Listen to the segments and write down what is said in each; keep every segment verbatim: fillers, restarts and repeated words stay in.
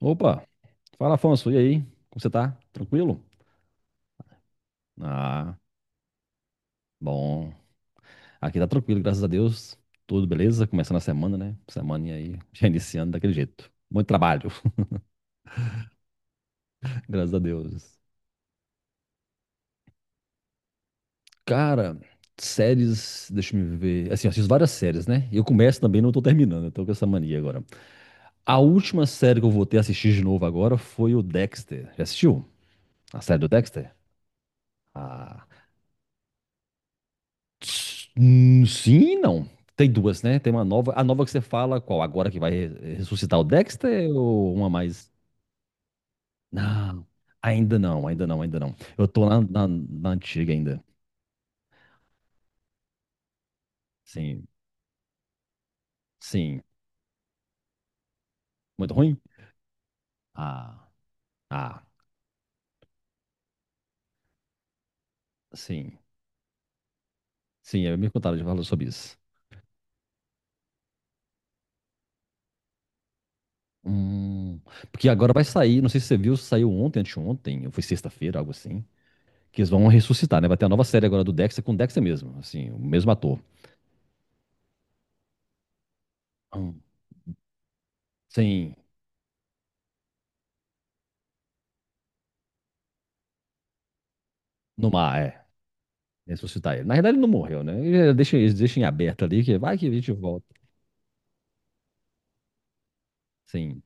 Opa, fala Afonso, e aí? Como você tá? Tranquilo? Ah, bom. Aqui tá tranquilo, graças a Deus. Tudo beleza? Começando a semana, né? Semana aí, já iniciando daquele jeito. Muito trabalho, graças a Deus. Cara, séries, deixa eu ver. Assim, eu assisto várias séries, né? E Eu começo também, não tô terminando, eu tô com essa mania agora. A última série que eu voltei a assistir de novo agora foi o Dexter. Já assistiu? A série do Dexter? Ah. Hum, sim, e não. Tem duas, né? Tem uma nova. A nova que você fala, qual? Agora que vai re- ressuscitar o Dexter ou uma mais? Não, ainda não, ainda não, ainda não. Eu tô na, na, na antiga ainda. Sim, sim. Muito ruim? Ah, ah, sim. Sim, é, me contaram de falar sobre isso. Hum, porque agora vai sair, não sei se você viu, saiu ontem, anteontem, ou foi sexta-feira, algo assim. Que eles vão ressuscitar, né? Vai ter a nova série agora do Dexter com o Dexter mesmo, assim, o mesmo ator. Hum, Sim, no mar, é. Ressuscitar ele. Na verdade, ele não morreu, né? Ele deixa, eles deixam em aberto ali, que vai que a gente volta. Sim.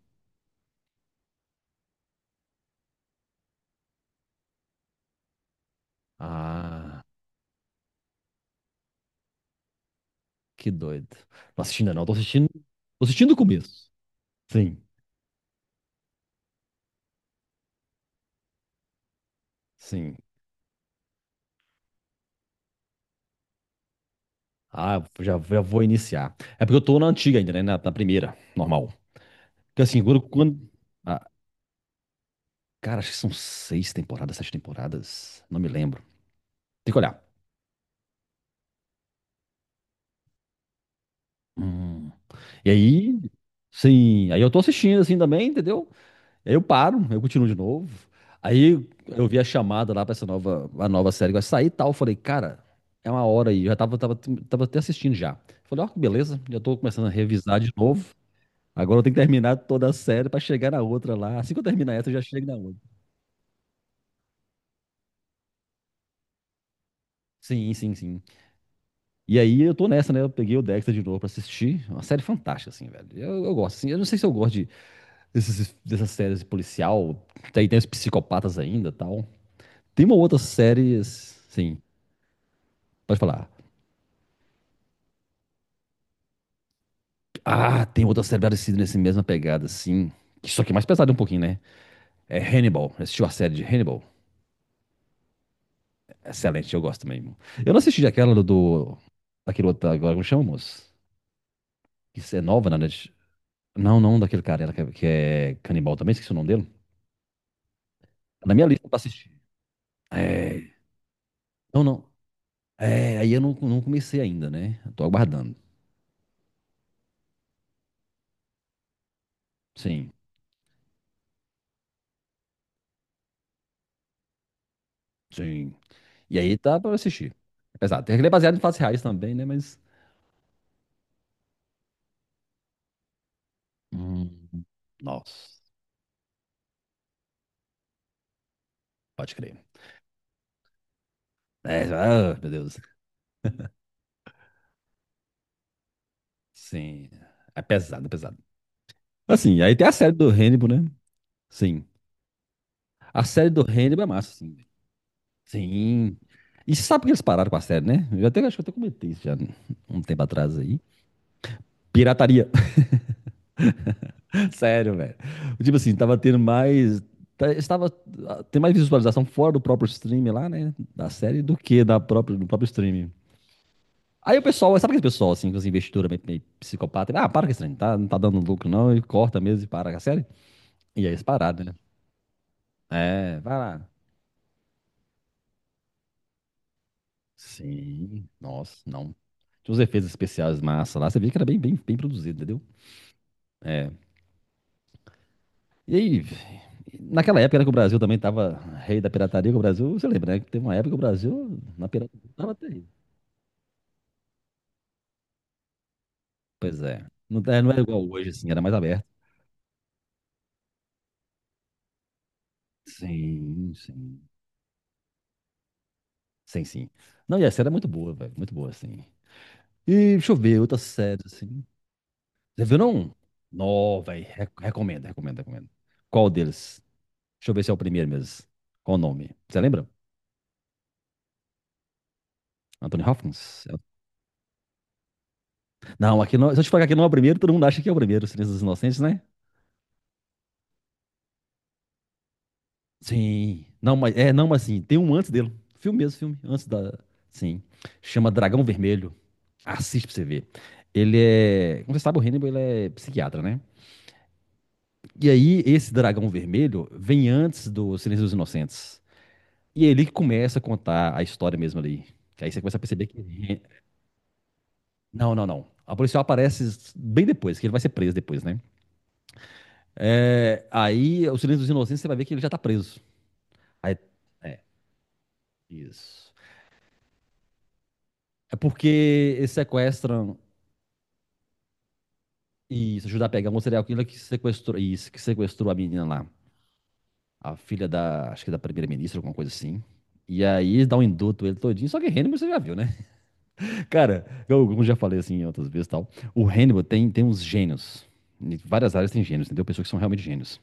Ah, que doido. Não assistindo ainda não, tô assistindo. Tô assistindo o começo. Sim, sim. Ah, já, já vou iniciar. É porque eu tô na antiga ainda, né? Na, na primeira, normal. Porque assim, quando. quando- ah, cara, acho que são seis temporadas, sete temporadas. Não me lembro. Tem que olhar. Hum. E aí. Sim, aí eu tô assistindo assim também, entendeu? Aí eu paro, eu continuo de novo. Aí eu vi a chamada lá pra essa nova, a nova série que vai sair e tal. Eu falei, cara, é uma hora aí. Eu já tava, tava, tava até assistindo já. Falei, ó, que beleza, já tô começando a revisar de novo. Agora eu tenho que terminar toda a série pra chegar na outra lá. Assim que eu terminar essa, eu já chego na outra. Sim, sim, sim. E aí eu tô nessa, né? Eu peguei o Dexter de novo pra assistir. É uma série fantástica, assim, velho. Eu, eu gosto, assim. Eu não sei se eu gosto de, desses- dessas séries de policial. Tem, tem os psicopatas ainda e tal. Tem uma outra série, sim. Pode falar. Ah, tem outra série parecida nessa mesma pegada, sim. Só que mais pesada um pouquinho, né? É Hannibal. Assistiu a série de Hannibal? Excelente, eu gosto mesmo. Eu não assisti aquela do. do- daquele outro agora, como chama, moço? Isso é nova na Net- Não, não, daquele cara ela que é- que é canibal também, esqueci o nome dele. Tá na minha lista pra assistir. É. Não, não. É, aí eu não, não comecei ainda, né? Tô aguardando. Sim, sim. E aí tá pra eu assistir. Exato, tem aquele baseado em fatos reais também, né? Mas. Hum, nossa, pode crer. É, ah, meu Deus. Sim. É pesado, é pesado. Assim, aí tem a série do Hannibal, né? Sim. A série do Hannibal é massa, sim. Sim. E você sabe por que eles pararam com a série, né? Eu até acho que eu até comentei isso já um tempo atrás aí. Pirataria. Sério, velho. Tipo assim, tava tendo mais. tá- Estava tem mais visualização fora do próprio stream lá, né? Da série do que da própria, do próprio stream. Aí o pessoal, sabe aquele pessoal assim, com as investidoras meio, meio psicopata? Ah, para com esse trem, tá, não tá dando lucro não, e corta mesmo e para com a série. E aí eles pararam, né? É, vai lá. Sim, nossa, não. Tinha uns efeitos especiais massa lá, você via que era bem, bem, bem produzido, entendeu? É. E aí, naquela época né, que o Brasil também tava rei da pirataria, que o Brasil, você lembra, né? Que teve uma época que o Brasil, na pirataria, tava terrível. Pois é. Não, tá- não era igual hoje, assim, era mais aberto. Sim, sim. Sim, sim. Não, e essa era muito boa, velho, muito boa, assim. E deixa eu ver, outras séries, assim. Você viu, não? Não, velho, re- recomendo, recomendo, recomendo. Qual deles? Deixa eu ver se é o primeiro mesmo. Qual o nome? Você lembra? Anthony Hopkins? Não, aqui não, se eu te falar que aqui não é o primeiro, todo mundo acha que é o primeiro, Silêncio dos Inocentes, né? Sim. Não, mas é, não, mas sim, tem um antes dele. Filme mesmo, filme, antes da, sim. Chama Dragão Vermelho. Assiste pra você ver. Ele é, como você sabe, o Hannibal, ele é psiquiatra, né? E aí esse Dragão Vermelho vem antes do Silêncio dos Inocentes. E é ele que começa a contar a história mesmo ali. Que aí você começa a perceber que Não, não, não. A policial aparece bem depois, que ele vai ser preso depois, né? É, aí, o Silêncio dos Inocentes, você vai ver que ele já tá preso. Aí, isso. É porque eles sequestram e isso ajuda a pegar um serial killer que sequestrou, isso, que sequestrou a menina lá, a filha da, acho que da primeira-ministra, alguma coisa assim. E aí dá um induto ele todinho, só que Hannibal você já viu, né? Cara, eu, como já falei assim outras vezes e tal, o Hannibal tem, tem uns gênios. Em várias áreas tem gênios, entendeu? Pessoas que são realmente gênios.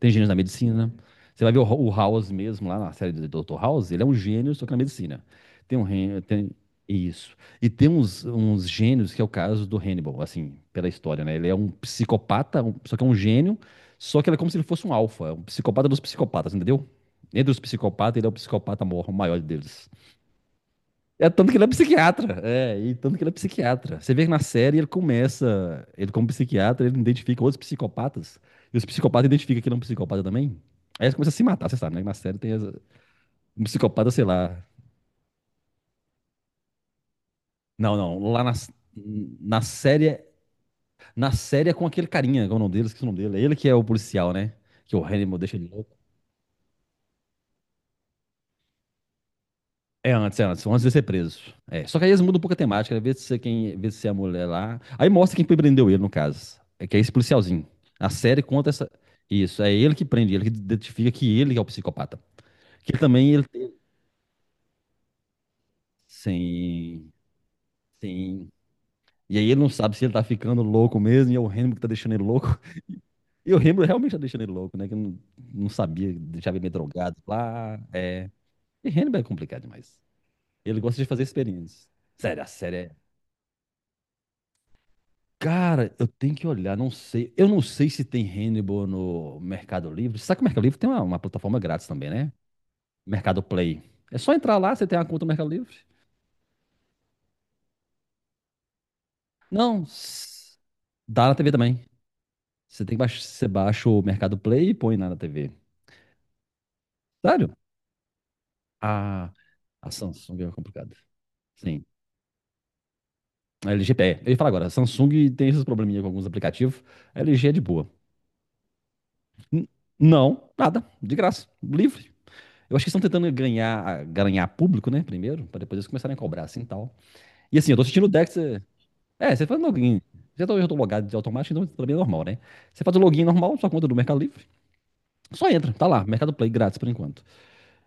Tem gênios na medicina. Você vai ver o, Ho- o House mesmo, lá na série do doutor House, ele é um gênio, só que na medicina. Tem um Hen- tem isso. E tem uns, uns gênios, que é o caso do Hannibal, assim, pela história, né? Ele é um psicopata, um- só que é um gênio, só que ele é como se ele fosse um alfa, é um psicopata dos psicopatas, entendeu? Entre os psicopatas, ele é o psicopata mor- o maior deles. É tanto que ele é psiquiatra. É, e tanto que ele é psiquiatra. Você vê que na série ele começa, ele como psiquiatra, ele identifica outros psicopatas. E os psicopatas identificam que ele é um psicopata também. Aí eles começam a se matar, você sabe, né? Na série tem essa- um psicopata, sei lá. Não, não. Lá na, na série. é, Na série é com aquele carinha, qual é o nome dele, esqueci o nome dele. É ele que é o policial, né? Que o Hannibal deixa ele louco. É antes, é antes, antes de ser preso. É. Só que aí eles mudam um pouco a temática, né? Vê se é quem, vê se é a mulher lá. Aí mostra quem prendeu ele, no caso. É que é esse policialzinho. A série conta essa. Isso, é ele que prende, ele que identifica que ele é o psicopata. Que ele também ele tem. Sim, sim. E aí ele não sabe se ele tá ficando louco mesmo, e é o Hannibal que tá deixando ele louco. E o Hannibal realmente tá deixando ele louco, né? Que não, não sabia, deixava ele meio drogado lá. É. E Hannibal é complicado demais. Ele gosta de fazer experiências. Sério, a série é cara, eu tenho que olhar, não sei. Eu não sei se tem Hannibal no Mercado Livre. Sabe que o Mercado Livre tem uma, uma plataforma grátis também, né? Mercado Play. É só entrar lá, você tem uma conta no Mercado Livre. Não, s- dá na tê vê também. Você tem que baixar, você baixa o Mercado Play e põe lá na tê vê. Sério? A, a Samsung é complicada. Sim. A ele gê, é, eu ia falar agora, a Samsung tem esses probleminha com alguns aplicativos. A ele gê é de boa. N- não, nada, de graça, livre. Eu acho que estão tentando ganhar, ganhar público, né? Primeiro, para depois eles começarem a cobrar, assim e tal. E assim, eu tô assistindo o Dex. é- É, você faz login. Já tô, já tô logado de automático, então pra mim é normal, né? Você faz o login normal, sua conta é do Mercado Livre. Só entra, tá lá, Mercado Play, grátis por enquanto.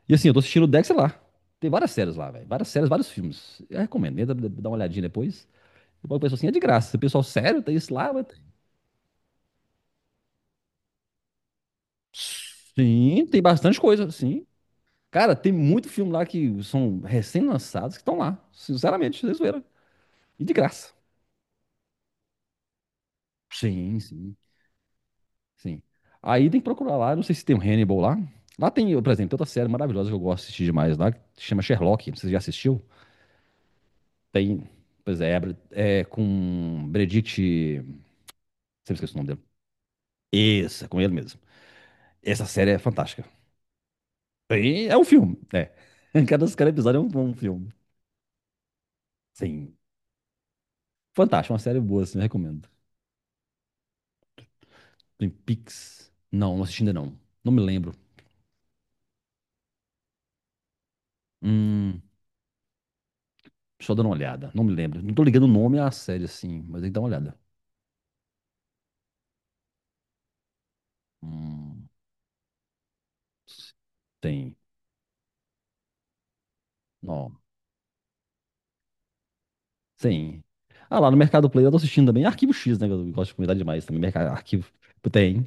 E assim, eu tô assistindo o Dex lá. Tem várias séries lá, velho. Várias séries, vários filmes. Eu recomendo, entra, dá uma olhadinha depois. E o pessoal assim, é de graça. O pessoal, sério, tem isso lá? Mas... Sim, tem bastante coisa, sim. Cara, tem muito filme lá que são recém-lançados que estão lá. Sinceramente, vocês viram. E de graça. Sim, sim, sim. Aí tem que procurar lá, não sei se tem um Hannibal lá. Lá tem, por exemplo, tem outra série maravilhosa que eu gosto de assistir demais lá, que se chama Sherlock, não sei se você já assistiu. Tem, pois é, é com Benedict, sempre esqueço o nome dele. Esse, é com ele mesmo. Essa série é fantástica. Tem- é um filme, é. Cada, cada episódio é um, um filme. Sim, fantástico, uma série boa, assim, eu recomendo. Tem Pix. Não, não assisti ainda não. Não me lembro. Hum, só dando uma olhada, não me lembro. Não tô ligando o nome à série, assim, mas tem que dar uma olhada. Hum, tem. Não tem. Ah, lá no Mercado Play eu tô assistindo também. Arquivo X, né? Que eu gosto de comentar demais também. Mercado, arquivo. Tem.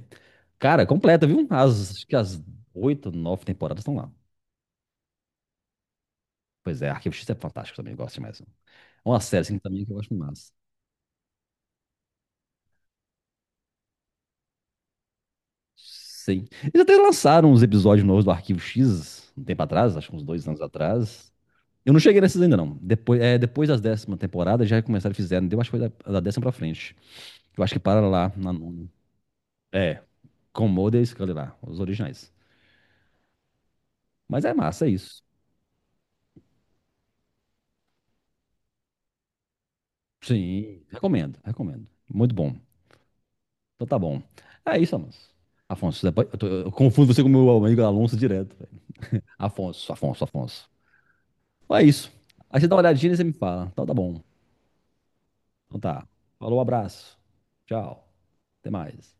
Cara, completa, viu? As, acho que as oito, nove temporadas estão lá. Pois é, Arquivo X é fantástico também, eu gosto demais. É uma série assim também que eu gosto massa. Sim. Eles até lançaram uns episódios novos do Arquivo X um tempo atrás, acho que uns dois anos atrás. Eu não cheguei nesses ainda, não. Depois, é, depois das décima temporada já começaram a fizeram. Deu acho que foi da, da décima pra frente. Eu acho que para lá na nona. É. Comodo e Scully lá, os originais. Mas é massa, é isso. Sim, recomendo, recomendo. Muito bom. Então tá bom. É isso, Alonso. Afonso, depois- eu, tô- eu confundo você com o meu amigo Alonso direto. Velho. Afonso, Afonso, Afonso. Então é isso. Aí você dá uma olhadinha e você me fala. Então tá bom. Então tá. Falou, abraço. Tchau. Até mais.